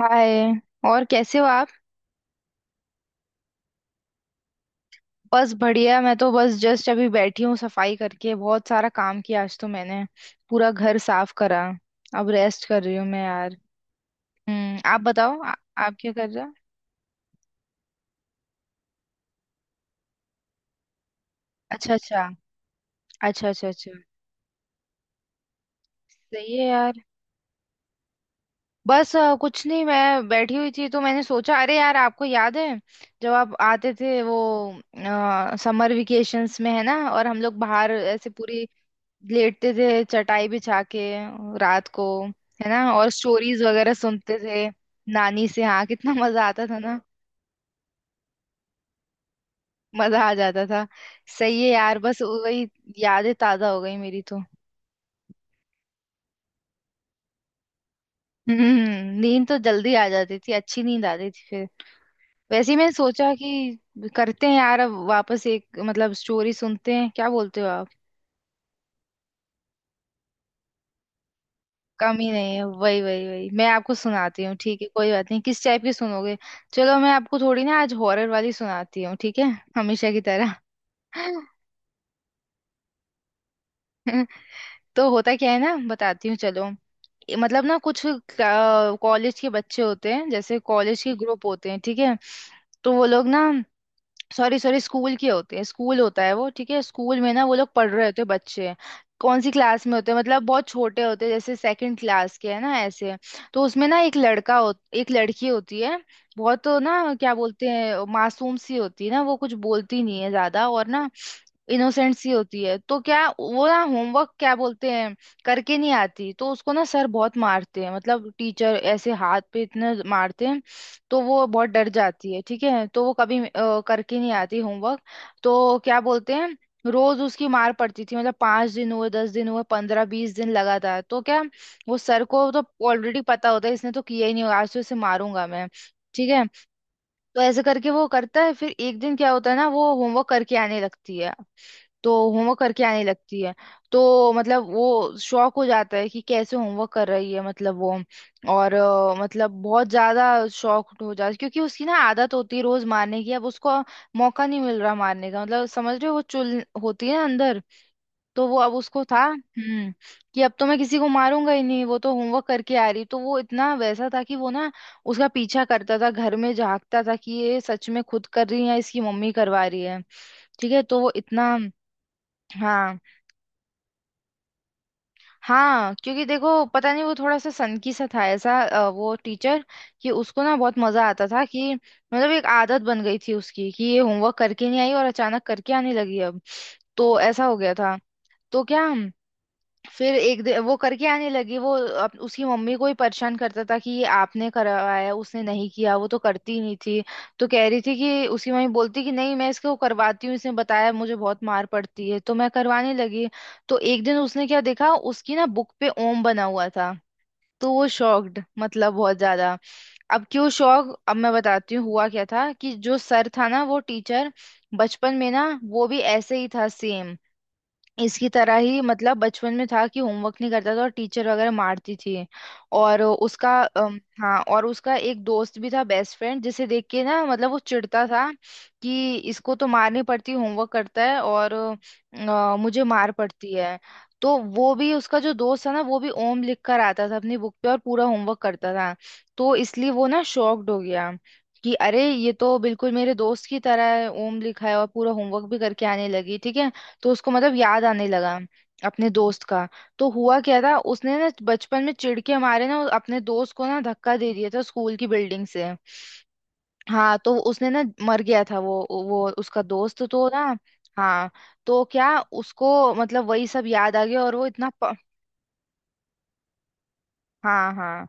हाय। और कैसे हो आप। बस बढ़िया, मैं तो बस जस्ट अभी बैठी हूँ, सफाई करके बहुत सारा काम किया आज तो मैंने, पूरा घर साफ करा। अब रेस्ट कर रही हूँ मैं यार। हम्म, आप बताओ आप क्या कर रहे हो। अच्छा अच्छा अच्छा। अच्छा अच्छा। सही है यार। बस कुछ नहीं, मैं बैठी हुई थी तो मैंने सोचा, अरे यार आपको याद है जब आप आते थे, वो समर वेकेशंस में, है ना, और हम लोग बाहर ऐसे पूरी लेटते थे चटाई बिछा के रात को। है ना, और स्टोरीज वगैरह सुनते थे नानी से। हाँ, कितना मजा आता था ना। मजा आ जाता था। सही है यार, बस वही यादें ताजा हो गई मेरी तो। हम्म, नींद तो जल्दी आ जाती थी, अच्छी नींद आती थी फिर। वैसे ही मैंने सोचा कि करते हैं यार अब वापस एक, मतलब स्टोरी सुनते हैं, क्या बोलते हो आप। कम ही नहीं है, वही वही वही मैं आपको सुनाती हूँ, ठीक है, कोई बात नहीं। किस टाइप की सुनोगे। चलो मैं आपको थोड़ी ना आज हॉरर वाली सुनाती हूँ, ठीक है, हमेशा की तरह। तो होता क्या है ना, बताती हूँ चलो। ये मतलब ना कुछ कॉलेज के बच्चे होते हैं, जैसे कॉलेज के ग्रुप होते हैं, ठीक है। तो वो लोग ना, सॉरी सॉरी, स्कूल की होती है, स्कूल होता है वो, ठीक है। स्कूल में ना वो लोग पढ़ रहे होते हैं बच्चे। कौन सी क्लास में होते हैं, मतलब बहुत छोटे होते हैं, जैसे सेकंड क्लास के, है ना, ऐसे। तो उसमें ना एक लड़का हो, एक लड़की होती है। बहुत ना, क्या बोलते हैं, मासूम सी होती है ना, वो कुछ बोलती नहीं है ज्यादा, और ना इनोसेंट सी होती है। तो क्या वो ना होमवर्क, क्या बोलते हैं, करके नहीं आती, तो उसको ना सर बहुत मारते हैं, मतलब टीचर, ऐसे हाथ पे इतने मारते हैं। तो वो बहुत डर जाती है, ठीक है। तो वो कभी करके नहीं आती होमवर्क। तो क्या बोलते हैं, रोज उसकी मार पड़ती थी, मतलब 5 दिन हुए, 10 दिन हुए, 15-20 दिन लगातार। तो क्या, वो सर को तो ऑलरेडी पता होता है, इसने तो किया ही नहीं होगा, आज तो इसे मारूंगा मैं, ठीक है। तो ऐसे करके वो करता है। फिर एक दिन क्या होता है ना, वो होमवर्क करके आने लगती है। तो होमवर्क करके आने लगती है। तो मतलब वो शॉक हो जाता है कि कैसे होमवर्क कर रही है, मतलब वो, और मतलब बहुत ज्यादा शॉक हो जाता है, क्योंकि उसकी ना आदत होती है रोज मारने की, अब उसको मौका नहीं मिल रहा मारने का, मतलब समझ रहे हो, वो चुल होती है ना अंदर। तो वो अब उसको था कि अब तो मैं किसी को मारूंगा ही नहीं, वो तो होमवर्क करके आ रही, तो वो इतना वैसा था कि वो ना उसका पीछा करता था, घर में झांकता था कि ये सच में खुद कर रही है या इसकी मम्मी करवा रही है, ठीक है। तो वो इतना, हाँ हाँ, क्योंकि देखो, पता नहीं वो थोड़ा सा सनकी सा था ऐसा, वो टीचर। कि उसको ना बहुत मजा आता था, कि मतलब एक आदत बन गई थी उसकी कि ये होमवर्क करके नहीं आई, और अचानक करके आने लगी, अब तो ऐसा हो गया था। तो क्या, फिर एक दिन वो करके आने लगी, वो उसकी मम्मी को ही परेशान करता था कि ये आपने करवाया, उसने नहीं किया, वो तो करती ही नहीं थी। तो कह रही थी कि उसकी मम्मी बोलती कि नहीं, मैं इसको करवाती हूँ, इसने बताया मुझे बहुत मार पड़ती है तो मैं करवाने लगी। तो एक दिन उसने क्या देखा, उसकी ना बुक पे ओम बना हुआ था। तो वो शॉक्ड, मतलब बहुत ज्यादा। अब क्यों शॉक, अब मैं बताती हूँ। हुआ क्या था कि जो सर था ना, वो टीचर, बचपन में ना वो भी ऐसे ही था, सेम इसकी तरह ही, मतलब बचपन में था कि होमवर्क नहीं करता था और टीचर वगैरह मारती थी। और उसका हाँ, और उसका एक दोस्त भी था, बेस्ट फ्रेंड, जिसे देख के ना मतलब वो चिढ़ता था, कि इसको तो मारनी पड़ती, होमवर्क करता है, और मुझे मार पड़ती है। तो वो भी, उसका जो दोस्त था ना, वो भी ओम लिख कर आता था अपनी बुक पे और पूरा होमवर्क करता था। तो इसलिए वो ना शॉक्ड हो गया कि अरे ये तो बिल्कुल मेरे दोस्त की तरह है, ओम लिखा है और पूरा होमवर्क भी करके आने लगी, ठीक है। तो उसको मतलब याद आने लगा अपने दोस्त का। तो हुआ क्या था, उसने ना बचपन में चिढ़ के हमारे ना अपने दोस्त को ना धक्का दे दिया था स्कूल की बिल्डिंग से। हाँ, तो उसने ना, मर गया था वो उसका दोस्त तो ना, हाँ। तो क्या, उसको मतलब वही सब याद आ गया, और वो इतना हाँ हाँ,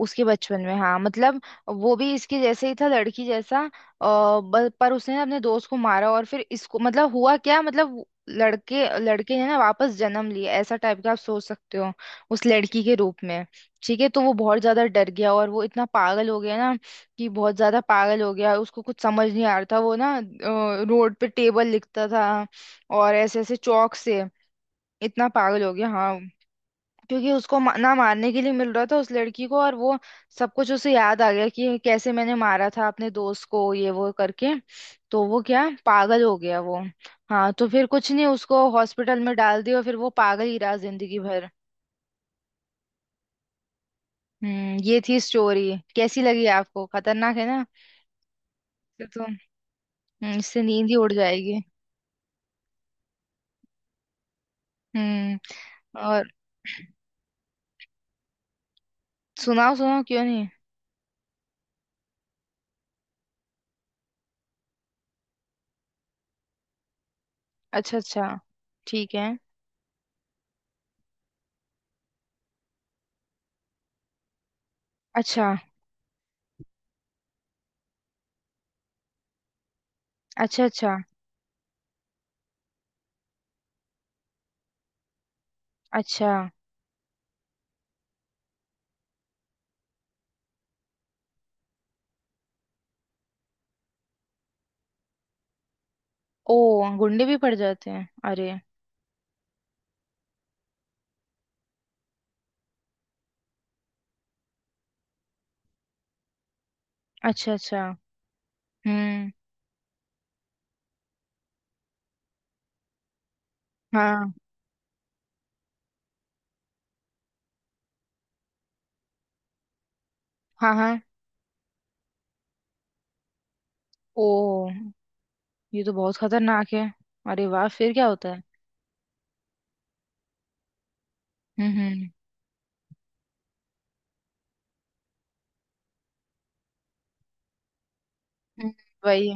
उसके बचपन में, हाँ मतलब वो भी इसके जैसे ही था लड़की जैसा पर उसने अपने दोस्त को मारा और फिर इसको मतलब हुआ क्या, मतलब वो- लड़के लड़के ने ना वापस जन्म लिया, ऐसा टाइप का आप सोच सकते हो, उस लड़की के रूप में, ठीक है। तो वो बहुत ज्यादा डर गया, और वो इतना पागल हो गया ना, कि बहुत ज्यादा पागल हो गया, उसको कुछ समझ नहीं आ रहा था, वो ना रोड पे टेबल लिखता था, और ऐसे ऐसे चौक से, इतना पागल हो गया, हाँ, क्योंकि उसको ना मारने के लिए मिल रहा था उस लड़की को, और वो सब कुछ उसे याद आ गया कि कैसे मैंने मारा था अपने दोस्त को, ये वो करके। तो वो क्या, पागल हो गया वो। हाँ, तो फिर कुछ नहीं, उसको हॉस्पिटल में डाल दिया और फिर वो पागल ही रहा जिंदगी भर। हम्म, ये थी स्टोरी। कैसी लगी आपको, खतरनाक है ना, ये तो। इससे नींद ही उड़ जाएगी। हम्म। और सुनाओ, सुनाओ, क्यों नहीं। अच्छा अच्छा, ठीक है। अच्छा अच्छा। अच्छा अच्छा। ओ, गुंडे भी पड़ जाते हैं, अरे। अच्छा अच्छा। हम्म। हाँ हाँ। हाँ। ओ, ये तो बहुत खतरनाक है। अरे वाह, फिर क्या होता है। हम्म हम्म हम्म, वही।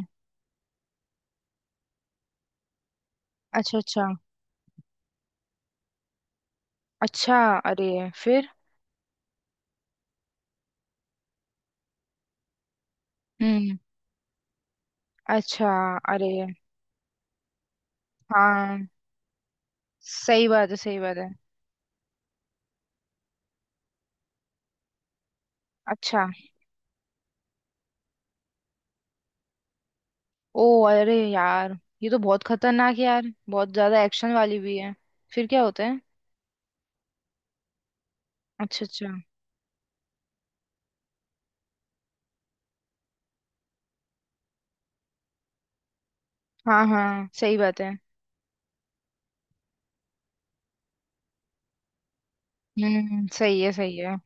अच्छा अच्छा। अच्छा। अरे फिर। हम्म। अच्छा। अरे। हाँ, सही बात है, सही बात है। अच्छा। ओ अरे यार, ये तो बहुत खतरनाक है यार, बहुत ज्यादा एक्शन वाली भी है। फिर क्या होता है। अच्छा अच्छा। हाँ हाँ, सही बात है। हम्म, सही है, सही है।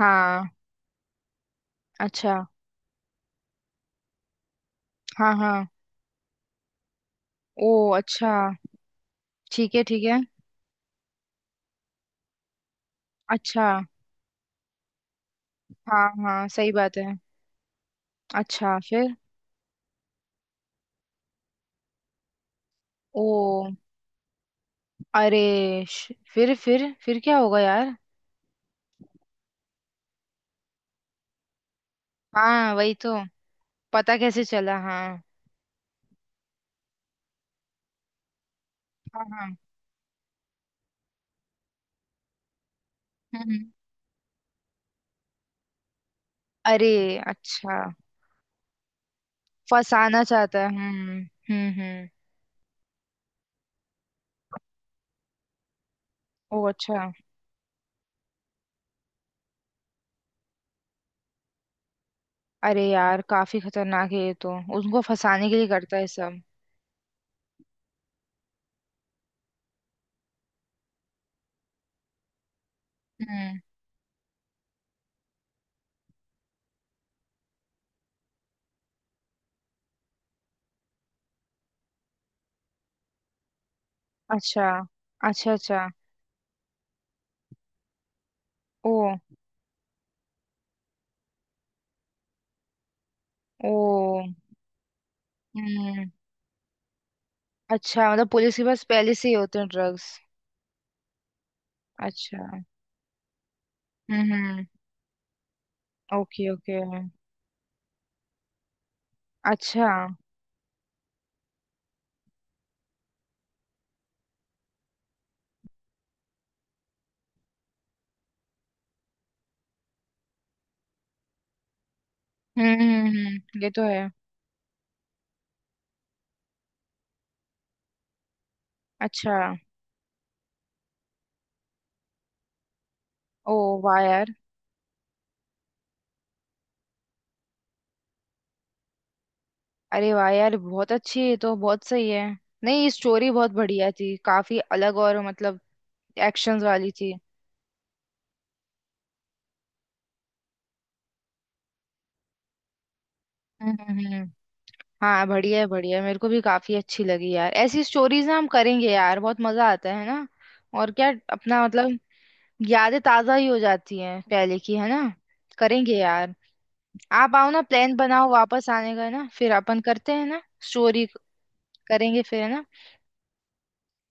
हाँ। अच्छा। हाँ हाँ। ओ अच्छा। ठीक है, ठीक है। अच्छा। हाँ हाँ, सही बात है। अच्छा फिर। ओ अरे फिर क्या होगा यार। हाँ वही तो, पता कैसे चला, हाँ। हाँ हाँ। हम्म हम्म। अरे। अच्छा। फंसाना चाहता है, हम्म। हम्म। ओ अच्छा। अरे यार काफी खतरनाक है ये तो। उनको फंसाने के लिए करता है सब। हम्म। अच्छा अच्छा। अच्छा। ओ। ओ। हम्म। अच्छा मतलब पुलिस के पास पहले से ही होते हैं ड्रग्स। अच्छा। हम्म। Okay okay. अच्छा। ये तो है। अच्छा। ओ। वाह यार। अरे वाह यार, बहुत अच्छी, ये तो बहुत सही है। नहीं, स्टोरी बहुत बढ़िया थी, काफी अलग, और मतलब एक्शंस वाली थी। हम्म हम्म, हम्म। हाँ बढ़िया है, बढ़िया है, मेरे को भी काफी अच्छी लगी यार। ऐसी स्टोरीज ना हम करेंगे यार, बहुत मजा आता है ना। और क्या, अपना मतलब यादें ताजा ही हो जाती हैं पहले की, है ना। करेंगे यार। आप आओ ना, प्लान बनाओ वापस आने का, है ना, फिर अपन करते हैं ना स्टोरी। करेंगे फिर, है ना।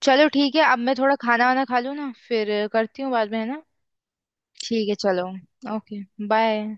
चलो ठीक है, अब मैं थोड़ा खाना वाना खा लूँ ना, फिर करती हूँ बाद में, है ना। ठीक है चलो। ओके। बाय।